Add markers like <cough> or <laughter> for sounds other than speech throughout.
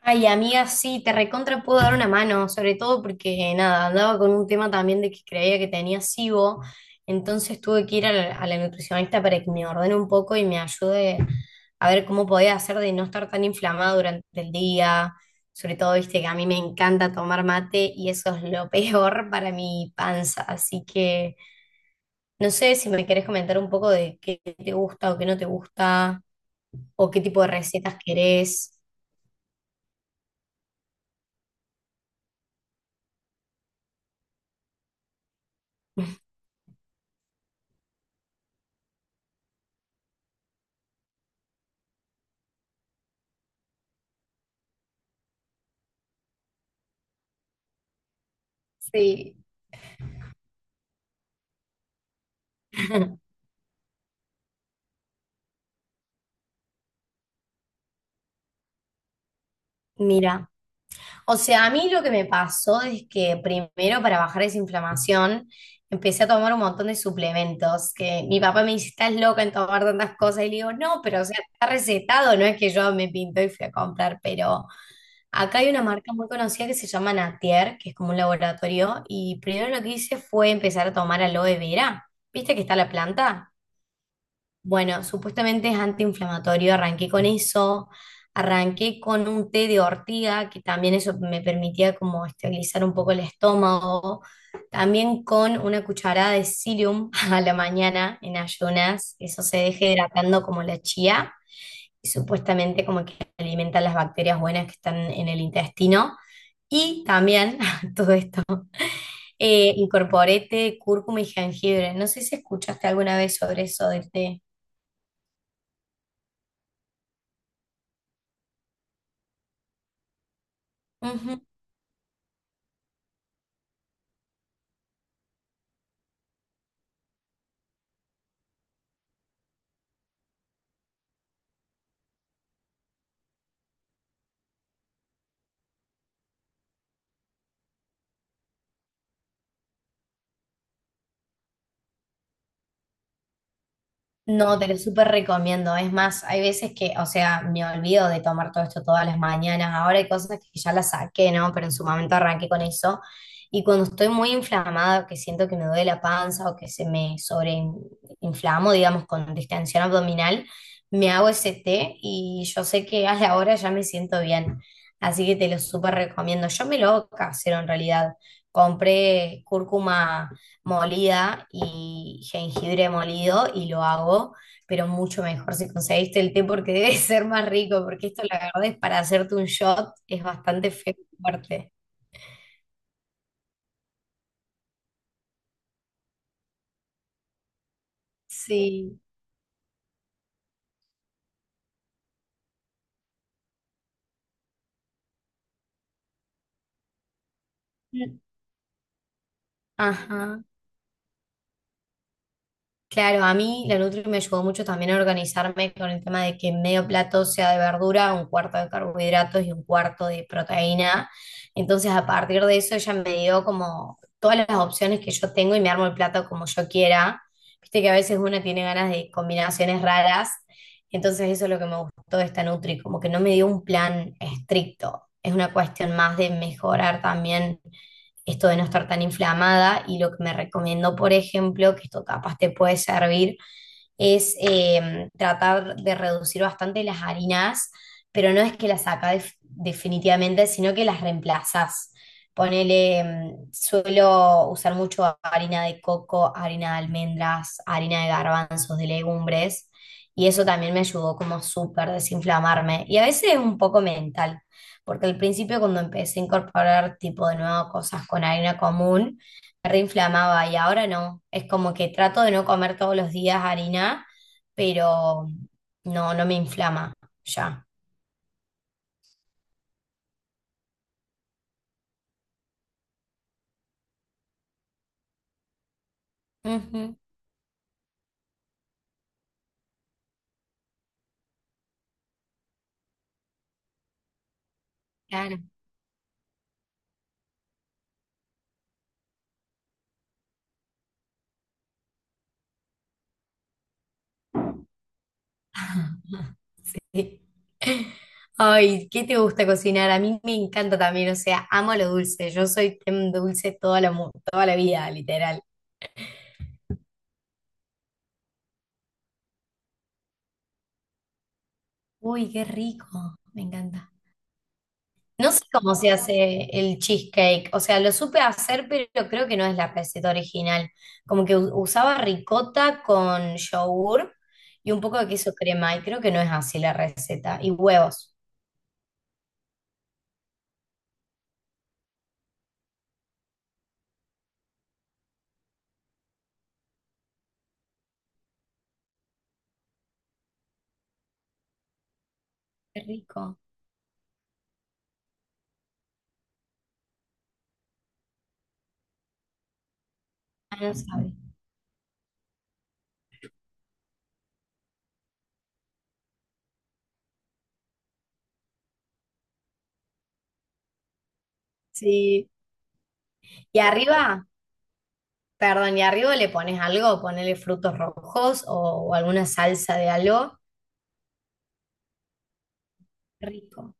Ay, amiga, sí, te recontra puedo dar una mano, sobre todo porque nada, andaba con un tema también de que creía que tenía SIBO, entonces tuve que ir a la nutricionista para que me ordene un poco y me ayude a ver cómo podía hacer de no estar tan inflamada durante el día, sobre todo, viste, que a mí me encanta tomar mate y eso es lo <laughs> peor para mi panza, así que no sé si me querés comentar un poco de qué te gusta o qué no te gusta, o qué tipo de recetas querés. Sí. <laughs> Mira, o sea, a mí lo que me pasó es que primero para bajar esa inflamación empecé a tomar un montón de suplementos, que mi papá me dice, estás loca en tomar tantas cosas, y le digo, no, pero o sea, está recetado, no es que yo me pinto y fui a comprar, pero acá hay una marca muy conocida que se llama Natier, que es como un laboratorio, y primero lo que hice fue empezar a tomar aloe vera, ¿viste que está la planta? Bueno, supuestamente es antiinflamatorio, arranqué con eso, arranqué con un té de ortiga, que también eso me permitía como estabilizar un poco el estómago, también con una cucharada de psyllium <laughs> a la mañana en ayunas, eso se deja hidratando como la chía, y supuestamente como que alimenta las bacterias buenas que están en el intestino, y también, <laughs> todo esto, incorporé té, de cúrcuma y jengibre, no sé si escuchaste alguna vez sobre eso del té. Ujú. No, te lo súper recomiendo. Es más, hay veces que, o sea, me olvido de tomar todo esto todas las mañanas. Ahora hay cosas que ya las saqué, ¿no? Pero en su momento arranqué con eso. Y cuando estoy muy inflamada, que siento que me duele la panza o que se me sobreinflamo, digamos, con distensión abdominal, me hago ese té y yo sé que a la hora ya me siento bien. Así que te lo súper recomiendo. Yo me lo hago casero en realidad. Compré cúrcuma molida y jengibre molido y lo hago, pero mucho mejor si conseguiste el té porque <laughs> debe ser más rico, porque esto la verdad es para hacerte un shot, es bastante feo y fuerte. Sí. Ajá. Claro, a mí la Nutri me ayudó mucho también a organizarme con el tema de que medio plato sea de verdura, un cuarto de carbohidratos y un cuarto de proteína. Entonces, a partir de eso, ella me dio como todas las opciones que yo tengo y me armo el plato como yo quiera. Viste que a veces uno tiene ganas de combinaciones raras. Entonces, eso es lo que me gustó de esta Nutri, como que no me dio un plan estricto. Es una cuestión más de mejorar también esto de no estar tan inflamada y lo que me recomendó, por ejemplo, que esto capaz te puede servir, es tratar de reducir bastante las harinas, pero no es que las sacas definitivamente, sino que las reemplazas. Ponele, suelo usar mucho harina de coco, harina de almendras, harina de garbanzos, de legumbres, y eso también me ayudó como súper desinflamarme. Y a veces es un poco mental, porque al principio cuando empecé a incorporar tipo de nuevo cosas con harina común, reinflamaba y ahora no. Es como que trato de no comer todos los días harina, pero no, me inflama ya. Ujú, claro. <laughs> Sí. Ay, ¿qué te gusta cocinar? A mí me encanta también, o sea, amo lo dulce. Yo soy team dulce toda la, toda la vida, literal. Uy, qué rico, me encanta. No sé cómo se hace el cheesecake, o sea, lo supe hacer, pero creo que no es la receta original. Como que usaba ricota con yogur y un poco de queso crema, y creo que no es así la receta. Y huevos. Qué rico. Ah, no sabe. Sí. Y arriba, perdón, y arriba le pones algo, ponele frutos rojos o alguna salsa de algo. Qué Rico.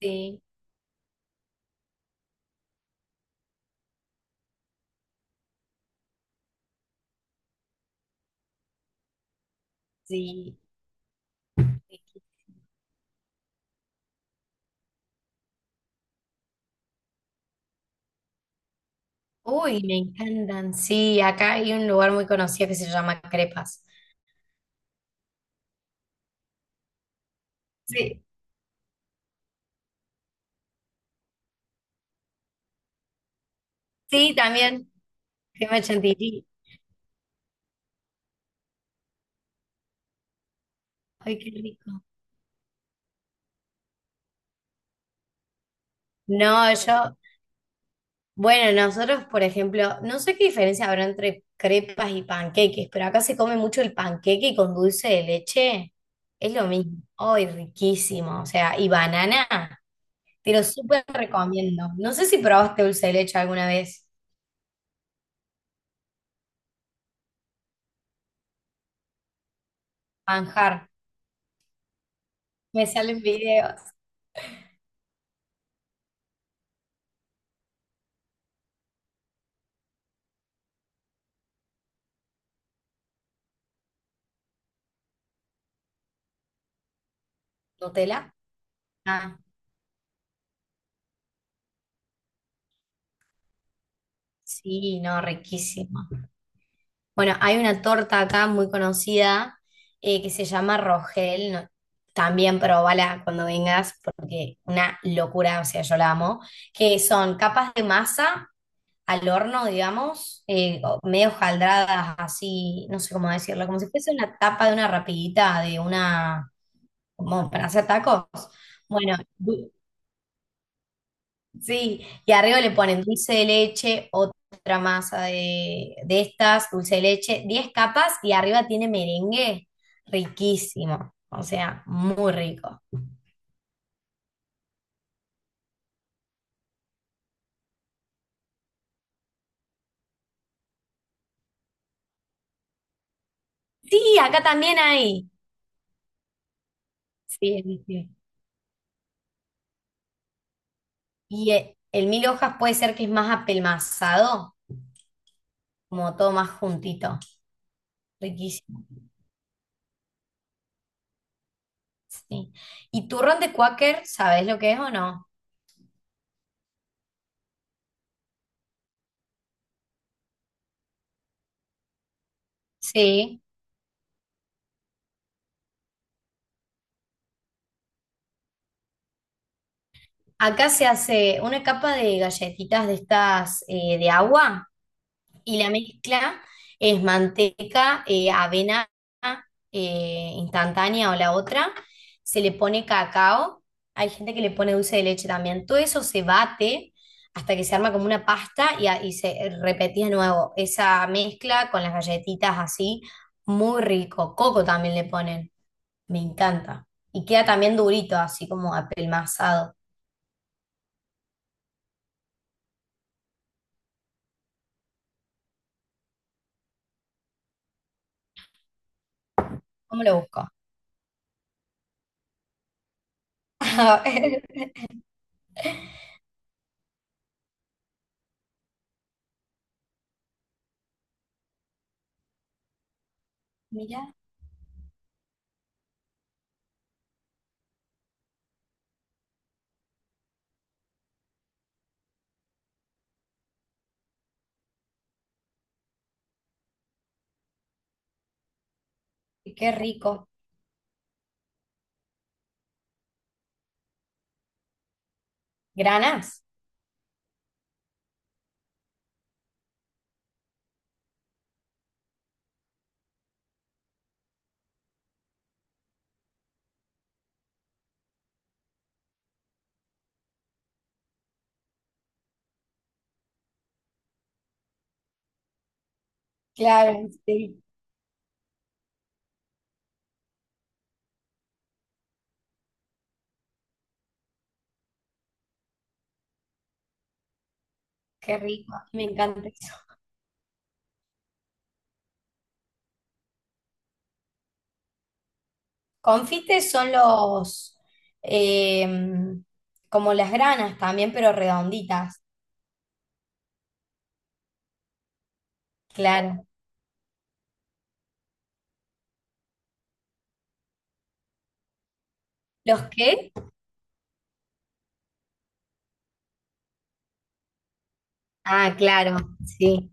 Sí, sí. Uy, me encantan. Sí, acá hay un lugar muy conocido que se llama Crepas. Sí, Sí, también. Crema chantilly. Ay, qué rico. No, yo, bueno, nosotros, por ejemplo, no sé qué diferencia habrá entre crepas y panqueques, pero acá se come mucho el panqueque con dulce de leche. Es lo mismo. Ay, riquísimo. O sea, y banana. Te lo súper recomiendo. No sé si probaste dulce de leche alguna vez. Manjar. Me salen videos. ¿Nutella? Ah, sí, no, riquísimo. Bueno, hay una torta acá muy conocida que se llama Rogel. También probala cuando vengas porque una locura, o sea, yo la amo. Que son capas de masa al horno, digamos, o medio jaldradas así, no sé cómo decirlo, como si fuese una tapa de una rapidita, de una, como para hacer tacos. Bueno, sí, y arriba le ponen dulce de leche, otra masa de estas, dulce de leche, 10 capas y arriba tiene merengue riquísimo, o sea, muy rico. Sí, acá también hay. Sí, sí, sí. Y mil hojas puede ser que es más apelmazado, como todo más juntito, riquísimo. Sí. ¿Y turrón de cuáquer, sabes lo que es o no? Sí. Acá se hace una capa de galletitas de estas de agua. Y la mezcla es manteca, avena instantánea o la otra. Se le pone cacao. Hay gente que le pone dulce de leche también. Todo eso se bate hasta que se arma como una pasta y, y se repetía de nuevo esa mezcla con las galletitas así. Muy rico. Coco también le ponen. Me encanta. Y queda también durito, así como apelmazado. ¿Cómo lo busco? <laughs> Mira, qué rico. ¿Granas? Claro, sí. Qué rico, me encanta eso. Confites son los, em, como las granas también, pero redonditas. Claro. ¿Los qué? Ah, claro, sí.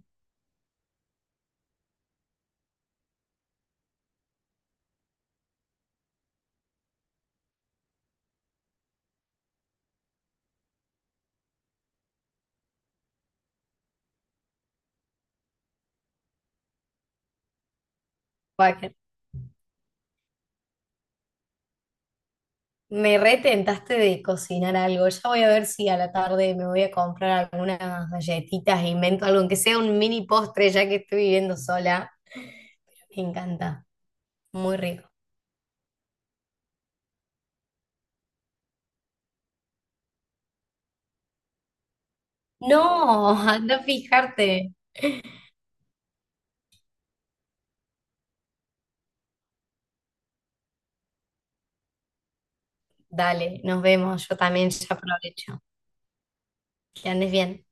Guau, me retentaste de cocinar algo. Ya voy a ver si a la tarde me voy a comprar algunas galletitas e invento algo, aunque sea un mini postre, ya que estoy viviendo sola. Me encanta, muy rico. No, <laughs> anda a fijarte. Dale, nos vemos. Yo también ya aprovecho. Que andes bien.